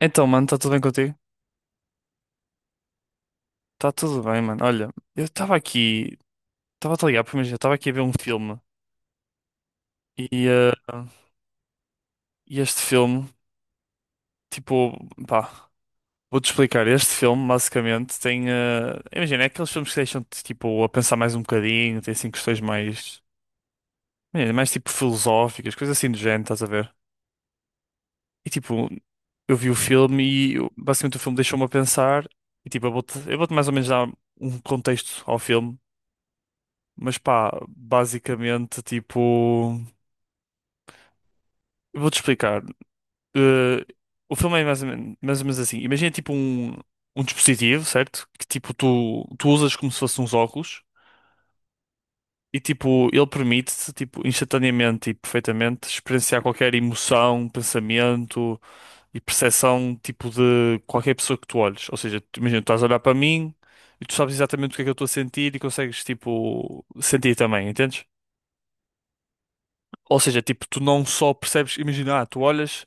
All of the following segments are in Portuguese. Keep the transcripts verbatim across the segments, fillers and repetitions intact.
Então, mano, está tudo bem contigo? Está tudo bem, mano. Olha, eu estava aqui, estava a te ligar, porque imagina, eu estava aqui a ver um filme e, eh, e este filme, tipo, pá, vou-te explicar. Este filme, basicamente, tem, eh, imagina, é aqueles filmes que deixam-te, tipo, a pensar mais um bocadinho, tem, assim, questões mais, imagina, mais, tipo, filosóficas, coisas assim do género, estás a ver? E, tipo, eu vi o filme e, eu- basicamente, o filme deixou-me a pensar e, tipo, eu vou-te, eu vou-te mais ou menos dar um contexto ao filme. Mas pá, basicamente, tipo, eu vou-te explicar. Eh, o filme é mais ou menos, mais ou menos assim. Imagina tipo um, um dispositivo, certo? Que tipo tu, tu usas como se fosse uns óculos e tipo ele permite-te tipo, instantaneamente e perfeitamente experienciar qualquer emoção, pensamento e percepção tipo de qualquer pessoa que tu olhes. Ou seja, tu- imagina, tu estás a olhar para mim e tu sabes exatamente o que é que eu estou a sentir e consegues tipo sentir também, entendes? Ou seja, tipo, tu não só percebes, imagina, ah, tu olhas,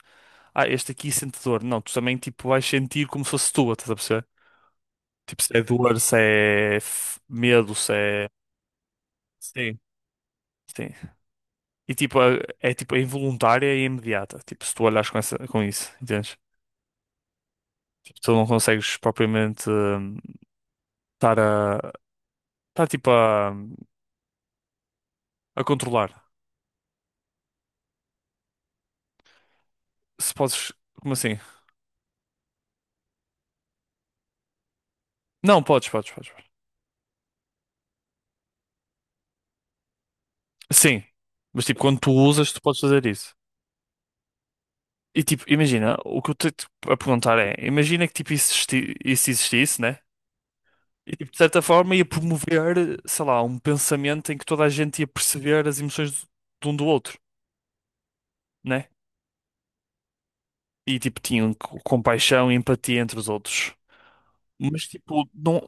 ah, este aqui sente dor. Não, tu também, tipo, vais sentir como se fosse tua, estás a perceber? Tipo, se é dor, se é f- medo, se é... Sim. Sim. E, tipo, é, é, tipo, é involuntária e imediata. Tipo, se tu olhas com, essa, com isso, entendes? Tipo, tu não consegues propriamente hum, estar a... estar, tipo, a, a controlar. Se podes... Como assim? Não, podes, podes, podes. podes. Sim. Mas, tipo, quando tu usas, tu podes fazer isso. E tipo, imagina, o que eu estou a perguntar é, imagina que tipo isso, existi- isso existisse, né? E tipo, de certa forma ia promover, sei lá, um pensamento em que toda a gente ia perceber as emoções de um do outro, né? E tipo, tinham co- compaixão e empatia entre os outros. Mas tipo, não,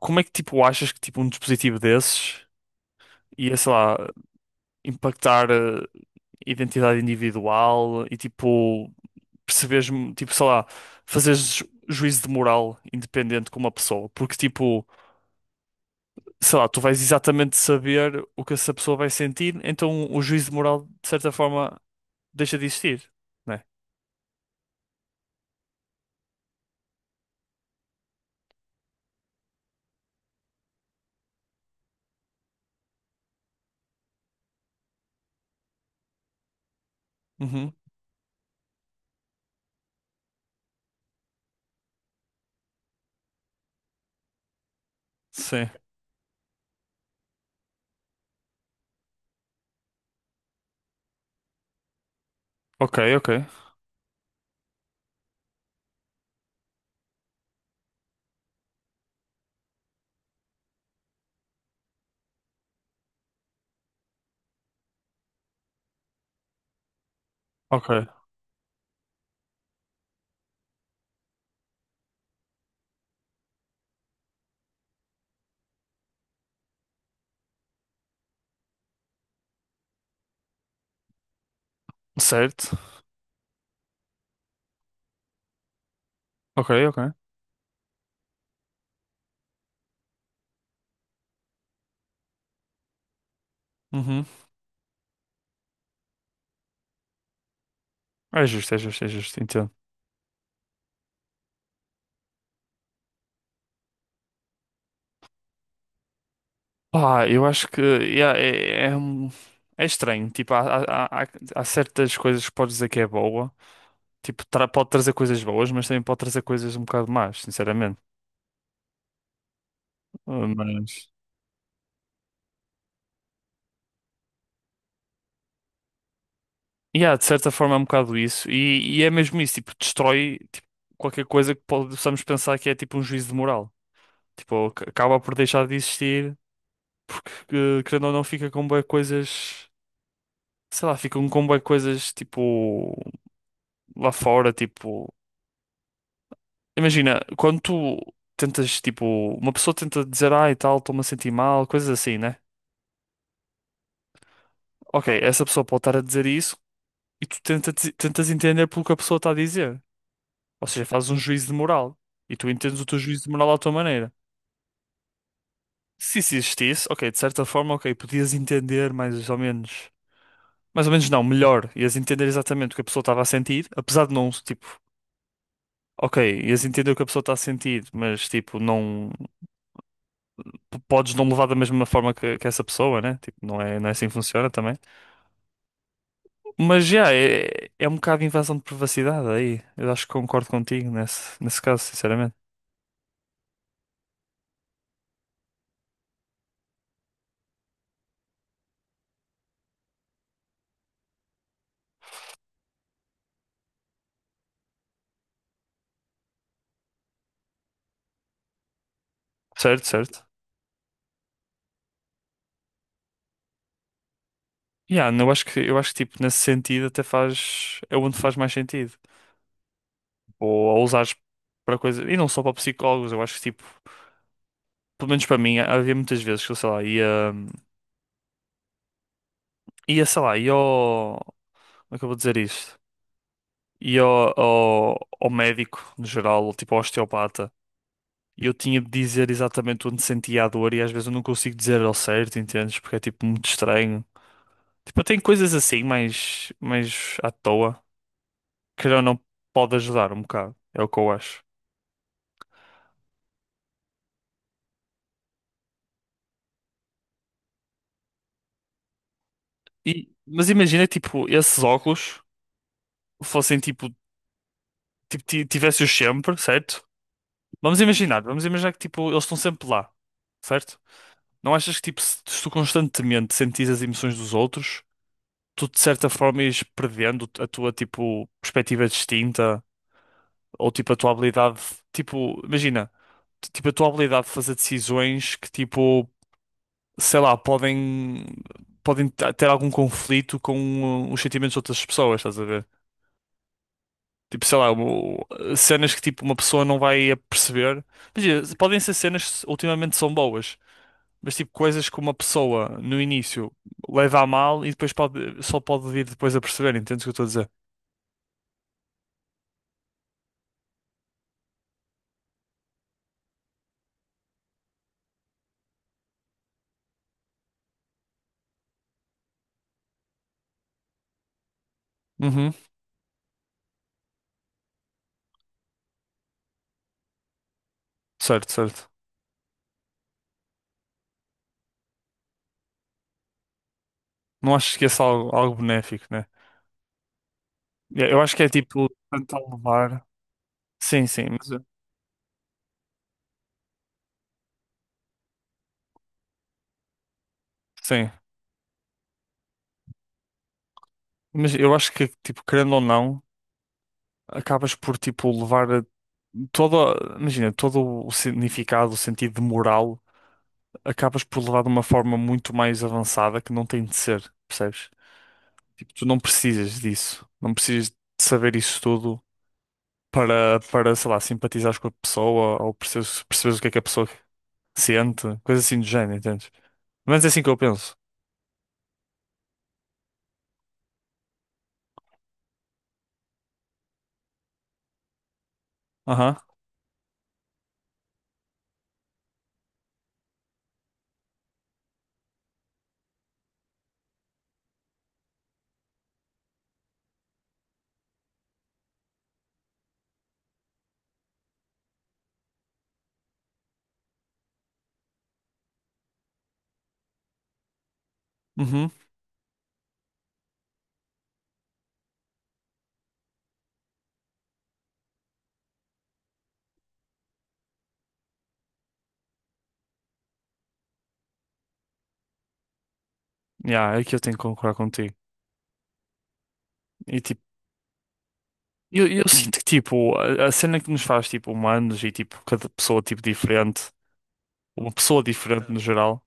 como é que tipo achas que tipo um dispositivo desses ia, sei lá, impactar eh, a identidade individual e tipo perceberes, tipo, sei lá, fazeres ju- juízo de moral independente com uma pessoa, porque, tipo, sei lá, tu vais exatamente saber o que essa pessoa vai sentir, então o juízo de moral, de certa forma, deixa de existir, né? Uhum. Sim. Ok, ok. Ok. Certo. Ok, ok. Uhum. É justo, é justo, é justo, entendo. Pá, eu acho que yeah, é, é, é um- é estranho. Tipo, há, há, há há certas coisas que podes dizer que é boa, tipo, tra- pode trazer coisas boas, mas também pode trazer coisas um bocado más, sinceramente. Uh, Mas, yeah, de certa forma é um bocado isso. E, e é mesmo isso, tipo, destrói tipo, qualquer coisa que possamos pensar que é tipo um juízo de moral. Tipo, ac- acaba por deixar de existir, porque, eh, querendo ou não, fica com bué coisas, sei lá, ficam com bué coisas, tipo, lá fora, tipo... Imagina, quando tu tentas, tipo, uma pessoa tenta dizer, ah, e tal, estou-me a sentir mal, coisas assim, né? Ok, essa pessoa pode estar a dizer isso e tu tenta, tentas entender pelo que a pessoa está a dizer. Ou seja, fazes um juízo de moral e tu entendes o teu juízo de moral à tua maneira. Se isso existisse, ok, de certa forma, ok, podias entender mais ou menos. Mais ou menos não, melhor. Ias entender exatamente o que a pessoa estava a sentir, apesar de não, tipo, ok, ias entender o que a pessoa está a sentir, mas tipo, não p- podes não levar da mesma forma que, que essa pessoa, né? Tipo, não é, não é assim que funciona também. Mas já, é, é um bocado de invasão de privacidade aí. Eu acho que concordo contigo nesse, nesse caso, sinceramente. Certo, certo. Yeah, não, eu acho que eu acho que tipo nesse sentido até faz é onde faz mais sentido. Tipo, ou a usares para coisas e não só para psicólogos, eu acho que tipo, pelo menos para mim, havia muitas vezes que eu sei lá, ia ia sei lá, ia ao, como é que eu vou dizer isto? Ia ao, ao, ao médico no geral, ou tipo ao osteopata. E eu tinha de dizer exatamente onde sentia a dor e às vezes eu não consigo dizer ao certo, entendes? Porque é tipo muito estranho. Tipo, eu tenho coisas assim, mais mais à toa, que ou não pode ajudar um bocado. É o que eu acho. E- mas imagina que tipo, esses óculos fossem tipo, tipo ti- tivesse-os sempre, certo? Vamos imaginar, vamos imaginar que tipo, eles estão sempre lá, certo? Não achas que tipo, se se tu constantemente sentires as emoções dos outros, tu de certa forma ires perdendo a tua tipo perspectiva distinta ou tipo a tua habilidade, tipo, imagina, t- tipo a tua habilidade de fazer decisões que tipo, sei lá, podem podem ta- ter algum conflito com uh, os sentimentos de outras pessoas, estás a ver? Tipo, sei lá, o- cenas que tipo uma pessoa não vai perceber. Imagina, podem ser cenas que ultimamente são boas, mas tipo coisas que uma pessoa no início leva a mal e depois pode, só pode vir depois a perceber, entendes o que eu estou a dizer? Uhum. Certo, certo. Não acho que esse é algo, algo benéfico, né? Eu eu acho que é tipo tentar levar. Sim, sim, mas eu- sim. Mas eu acho que tipo, querendo ou não, acabas por tipo levar a- toda, imagina, todo o significado, o sentido de moral acabas por levar de uma forma muito mais avançada que não tem de ser, percebes? Tipo, tu não precisas disso. Não precisas de saber isso tudo para, para, sei lá, simpatizares com a pessoa ou perceberes, perceberes o que é que a pessoa sente, coisa assim do género, entendes? Mas é assim que eu penso. Aham, uhum, yeah, é que eu tenho que concordar contigo. E tipo, eu, eu sinto que tipo, a, a cena que nos faz tipo humanos e tipo, cada pessoa tipo diferente, uma pessoa diferente no geral.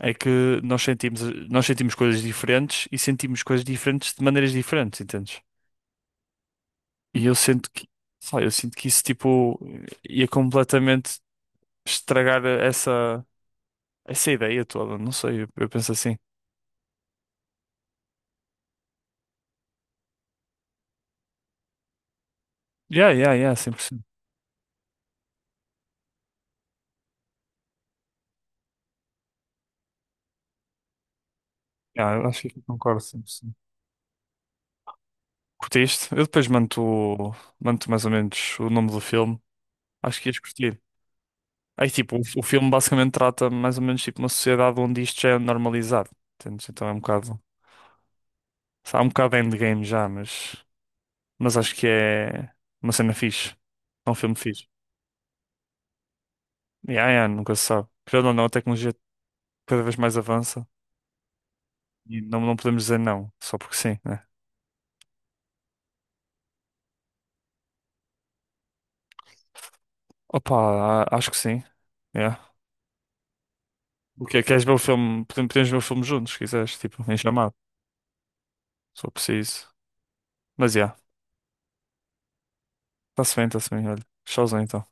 É que nós sentimos, nós sentimos coisas diferentes e sentimos coisas diferentes de maneiras diferentes, entendes? E eu sinto que, sei lá, eu sinto que isso tipo ia completamente estragar essa essa ideia toda, não sei, eu, eu penso assim. Yeah, yeah, yeah, cem por cento. Yeah, eu acho que aqui concordo cem por cento. Curtiste? Eu depois mando mando mais ou menos o nome do filme. Acho que ias curtir. Aí tipo, o, o filme basicamente trata mais ou menos tipo uma sociedade onde isto já é normalizado, entendes? Então é um bocado. Há um bocado de endgame já, mas, mas acho que é uma cena fixe. É um filme fixe. Yeah, yeah, nunca se sabe. Querendo ou não, a tecnologia cada vez mais avança e não, não podemos dizer não, só porque sim, né? Opa, a- acho que sim. Yeah. O que é? Queres ver o filme? Podem- Podemos ver o filme juntos, se quiseres, tipo, em chamado, se for preciso. Mas yeah, está-se bem, está-se bem, olha. Showzão então.